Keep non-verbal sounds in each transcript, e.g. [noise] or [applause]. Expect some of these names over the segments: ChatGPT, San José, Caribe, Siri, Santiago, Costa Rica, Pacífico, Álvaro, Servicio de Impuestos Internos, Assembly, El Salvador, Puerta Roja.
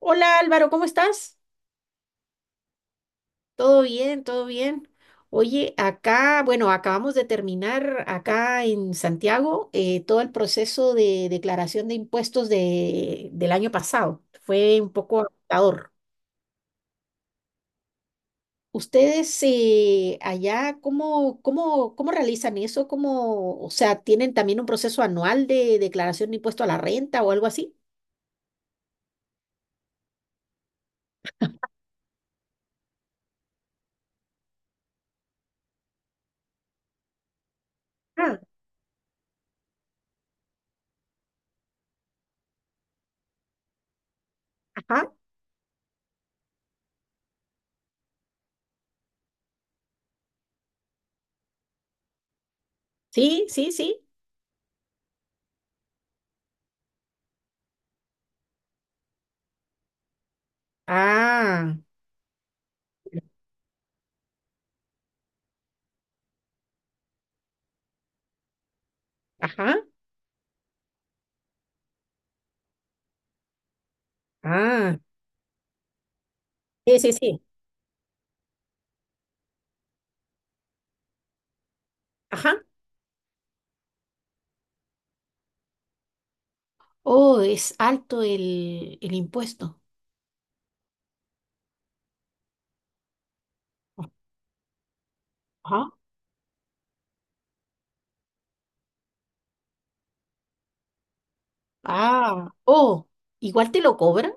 Hola Álvaro, ¿cómo estás? Todo bien, todo bien. Oye, acá, bueno, acabamos de terminar acá en Santiago todo el proceso de declaración de impuestos del año pasado. Fue un poco agotador. ¿Ustedes allá cómo realizan eso? ¿Cómo, o sea, tienen también un proceso anual de declaración de impuesto a la renta o algo así? Ah, ajá. Sí, sí, sí. Ah, ajá. Ah, sí, sí, sí. Ajá. Oh, es alto el impuesto. Ajá. Ah, oh, igual te lo cobran.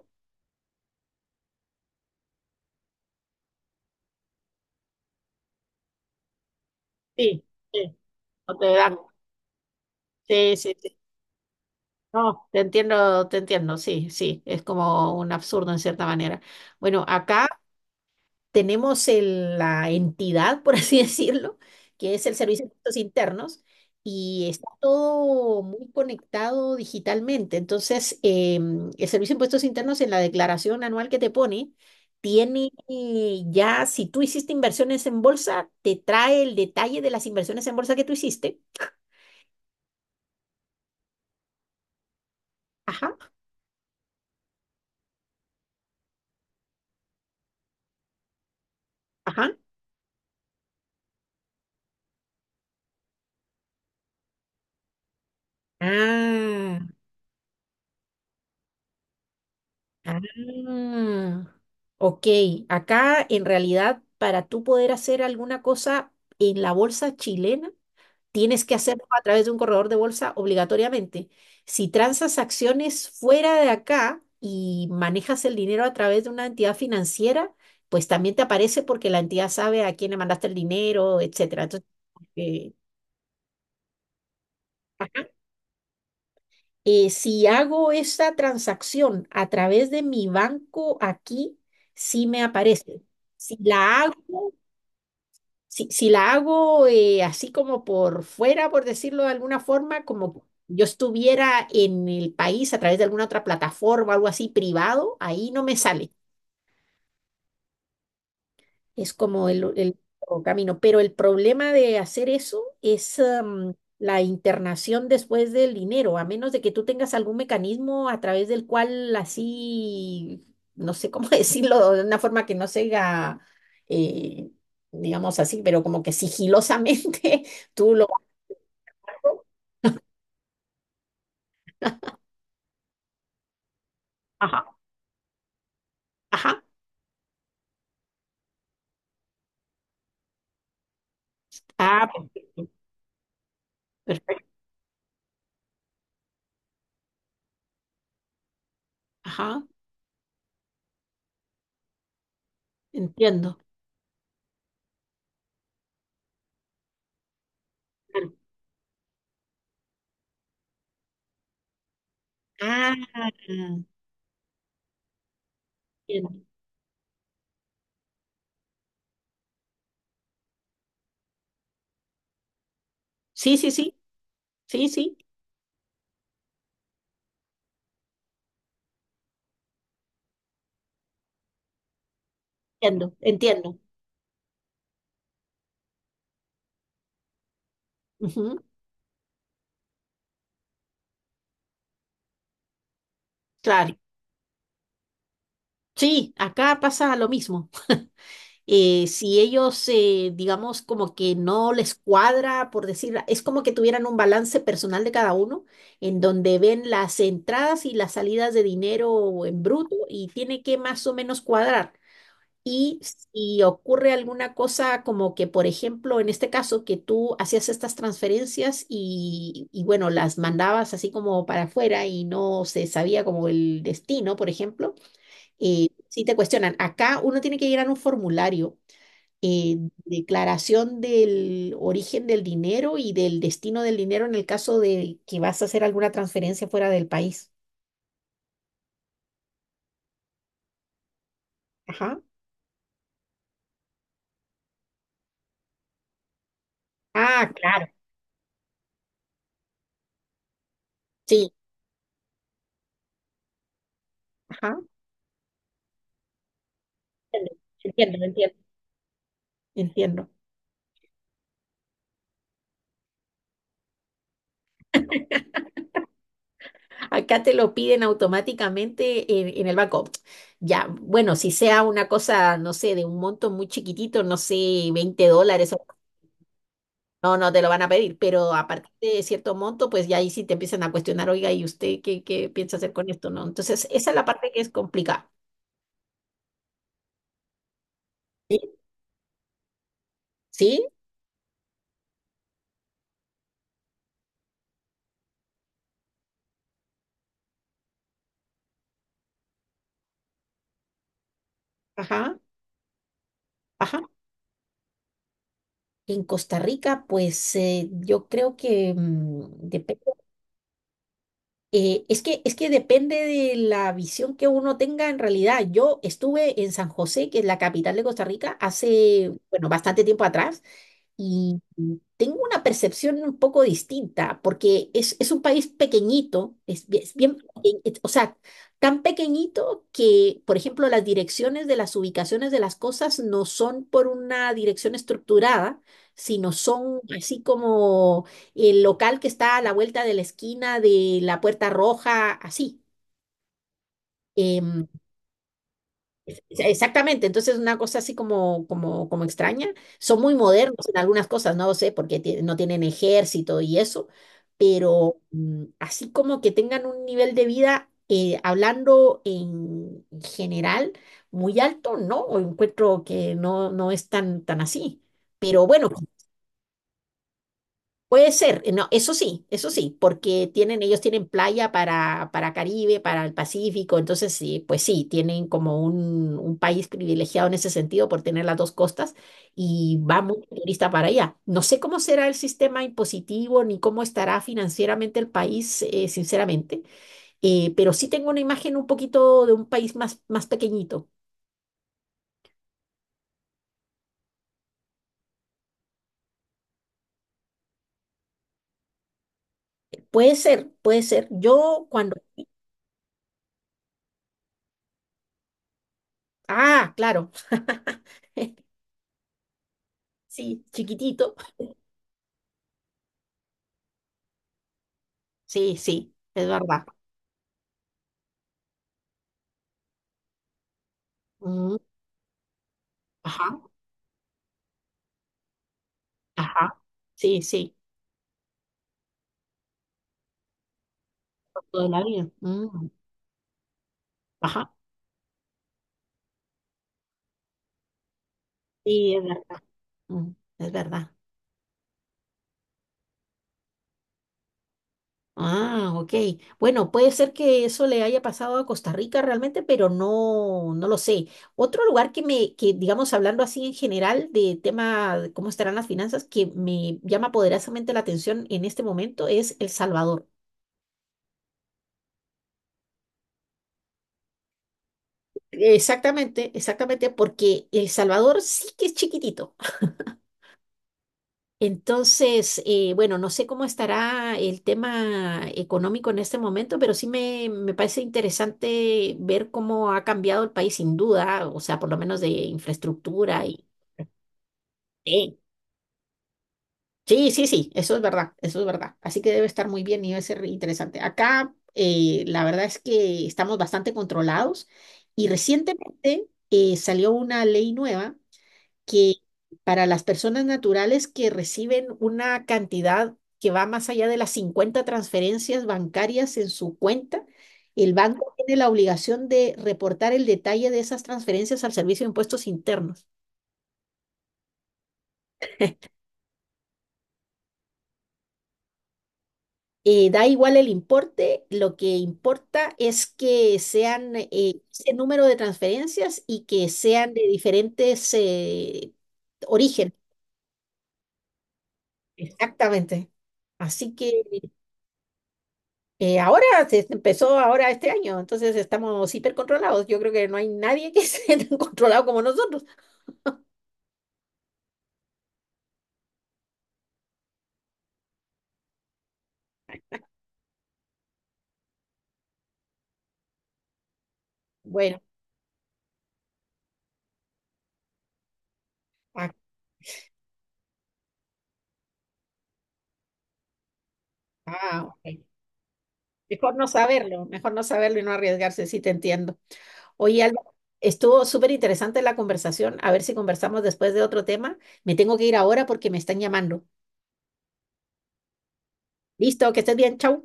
Sí, sí, no te dan. Sí, sí, sí. No, te entiendo, te entiendo, sí, sí, es como un absurdo en cierta manera. Bueno, acá tenemos la entidad, por así [laughs] decirlo, que es el Servicio de Impuestos Internos, y está todo muy conectado digitalmente. Entonces, el Servicio de Impuestos Internos en la declaración anual que te pone, tiene ya, si tú hiciste inversiones en bolsa, te trae el detalle de las inversiones en bolsa que tú hiciste. Ajá, ajá. Ah. Ah, ok. Acá en realidad para tú poder hacer alguna cosa en la bolsa chilena, tienes que hacerlo a través de un corredor de bolsa obligatoriamente. Si transas acciones fuera de acá y manejas el dinero a través de una entidad financiera, pues también te aparece porque la entidad sabe a quién le mandaste el dinero, etcétera. Entonces, eh, si hago esa transacción a través de mi banco aquí, sí me aparece. Si la hago, si la hago así como por fuera, por decirlo de alguna forma, como yo estuviera en el país a través de alguna otra plataforma, algo así privado, ahí no me sale. Es como el, sí, el único camino. Pero el problema de hacer eso es, la internación después del dinero, a menos de que tú tengas algún mecanismo a través del cual así, no sé cómo [laughs] decirlo, de una forma que no sea, eh, digamos así, pero como que sigilosamente [laughs] tú lo... Ajá, ajá. Ah, perfecto, perfecto. Ajá, entiendo. Ah, entiendo. Sí, sí, sí, sí, sí, entiendo, entiendo. Ujú. Claro, sí, acá pasa lo mismo. Si ellos, digamos, como que no les cuadra, por decir, es como que tuvieran un balance personal de cada uno, en donde ven las entradas y las salidas de dinero en bruto y tiene que más o menos cuadrar. Y si ocurre alguna cosa como que, por ejemplo, en este caso, que tú hacías estas transferencias y bueno, las mandabas así como para afuera y no se sabía como el destino, por ejemplo si te cuestionan, acá uno tiene que llenar un formulario, eh, declaración del origen del dinero y del destino del dinero en el caso de que vas a hacer alguna transferencia fuera del país. Ajá. Ah, claro, sí. Ajá. Entiendo, entiendo, entiendo. Entiendo. Acá te lo piden automáticamente en el banco. Ya, bueno, si sea una cosa, no sé, de un monto muy chiquitito, no sé, $20. No, no te lo van a pedir, pero a partir de cierto monto, pues ya ahí sí te empiezan a cuestionar, oiga, ¿y usted qué piensa hacer con esto? ¿No? Entonces, esa es la parte que es complicada. Sí, sí, ajá, ajá. En Costa Rica, pues yo creo que depende. Es que depende de la visión que uno tenga en realidad. Yo estuve en San José, que es la capital de Costa Rica, hace, bueno, bastante tiempo atrás, y tengo una percepción un poco distinta, porque es un país pequeñito, es bien, o sea, tan pequeñito que, por ejemplo, las direcciones de las ubicaciones de las cosas no son por una dirección estructurada, sino son así como el local que está a la vuelta de la esquina de la Puerta Roja, así. Em, e-, exactamente, entonces una cosa así como, como, como extraña. Son muy modernos en algunas cosas, no lo sé, porque no tienen ejército y eso, pero así como que tengan un nivel de vida, hablando en general, muy alto, ¿no? O encuentro que no, no es tan así. Pero bueno, puede ser, no, eso sí, porque ellos tienen playa para Caribe, para el Pacífico, entonces sí, pues sí, tienen como un país privilegiado en ese sentido por tener las dos costas y va mucho turista para allá. No sé cómo será el sistema impositivo ni cómo estará financieramente el país, sinceramente, pero sí tengo una imagen un poquito de un país más pequeñito. Puede ser, puede ser. Yo cuando... Ah, claro. [laughs] Sí, chiquitito. Sí, sí, es verdad. Mm, ajá, ajá. Sí, sí, por toda la vida. Mm, ajá, sí, es verdad. Mm, es verdad. Ah, ok. Bueno, puede ser que eso le haya pasado a Costa Rica realmente, pero no, no lo sé. Otro lugar que digamos, hablando así en general de tema de cómo estarán las finanzas, que me llama poderosamente la atención en este momento es El Salvador. Exactamente, exactamente, porque El Salvador sí que es chiquitito. Entonces, bueno, no sé cómo estará el tema económico en este momento, pero sí me parece interesante ver cómo ha cambiado el país sin duda, o sea, por lo menos de infraestructura y... Sí, sí, sí, sí, eso es verdad, eso es verdad. Así que debe estar muy bien y debe ser interesante. Acá, la verdad es que estamos bastante controlados y recientemente salió una ley nueva que para las personas naturales que reciben una cantidad que va más allá de las 50 transferencias bancarias en su cuenta, el banco tiene la obligación de reportar el detalle de esas transferencias al Servicio de Impuestos Internos. Da igual el importe, lo que importa es que sean ese número de transferencias y que sean de diferentes origen. Exactamente. Así que ahora se empezó ahora este año, entonces estamos hipercontrolados. Yo creo que no hay nadie que [laughs] esté tan controlado como nosotros. Bueno, ah, ah, ok. Mejor no saberlo y no arriesgarse, sí te entiendo. Oye, Álvaro, estuvo súper interesante la conversación. A ver si conversamos después de otro tema. Me tengo que ir ahora porque me están llamando. Listo, que estés bien, chau.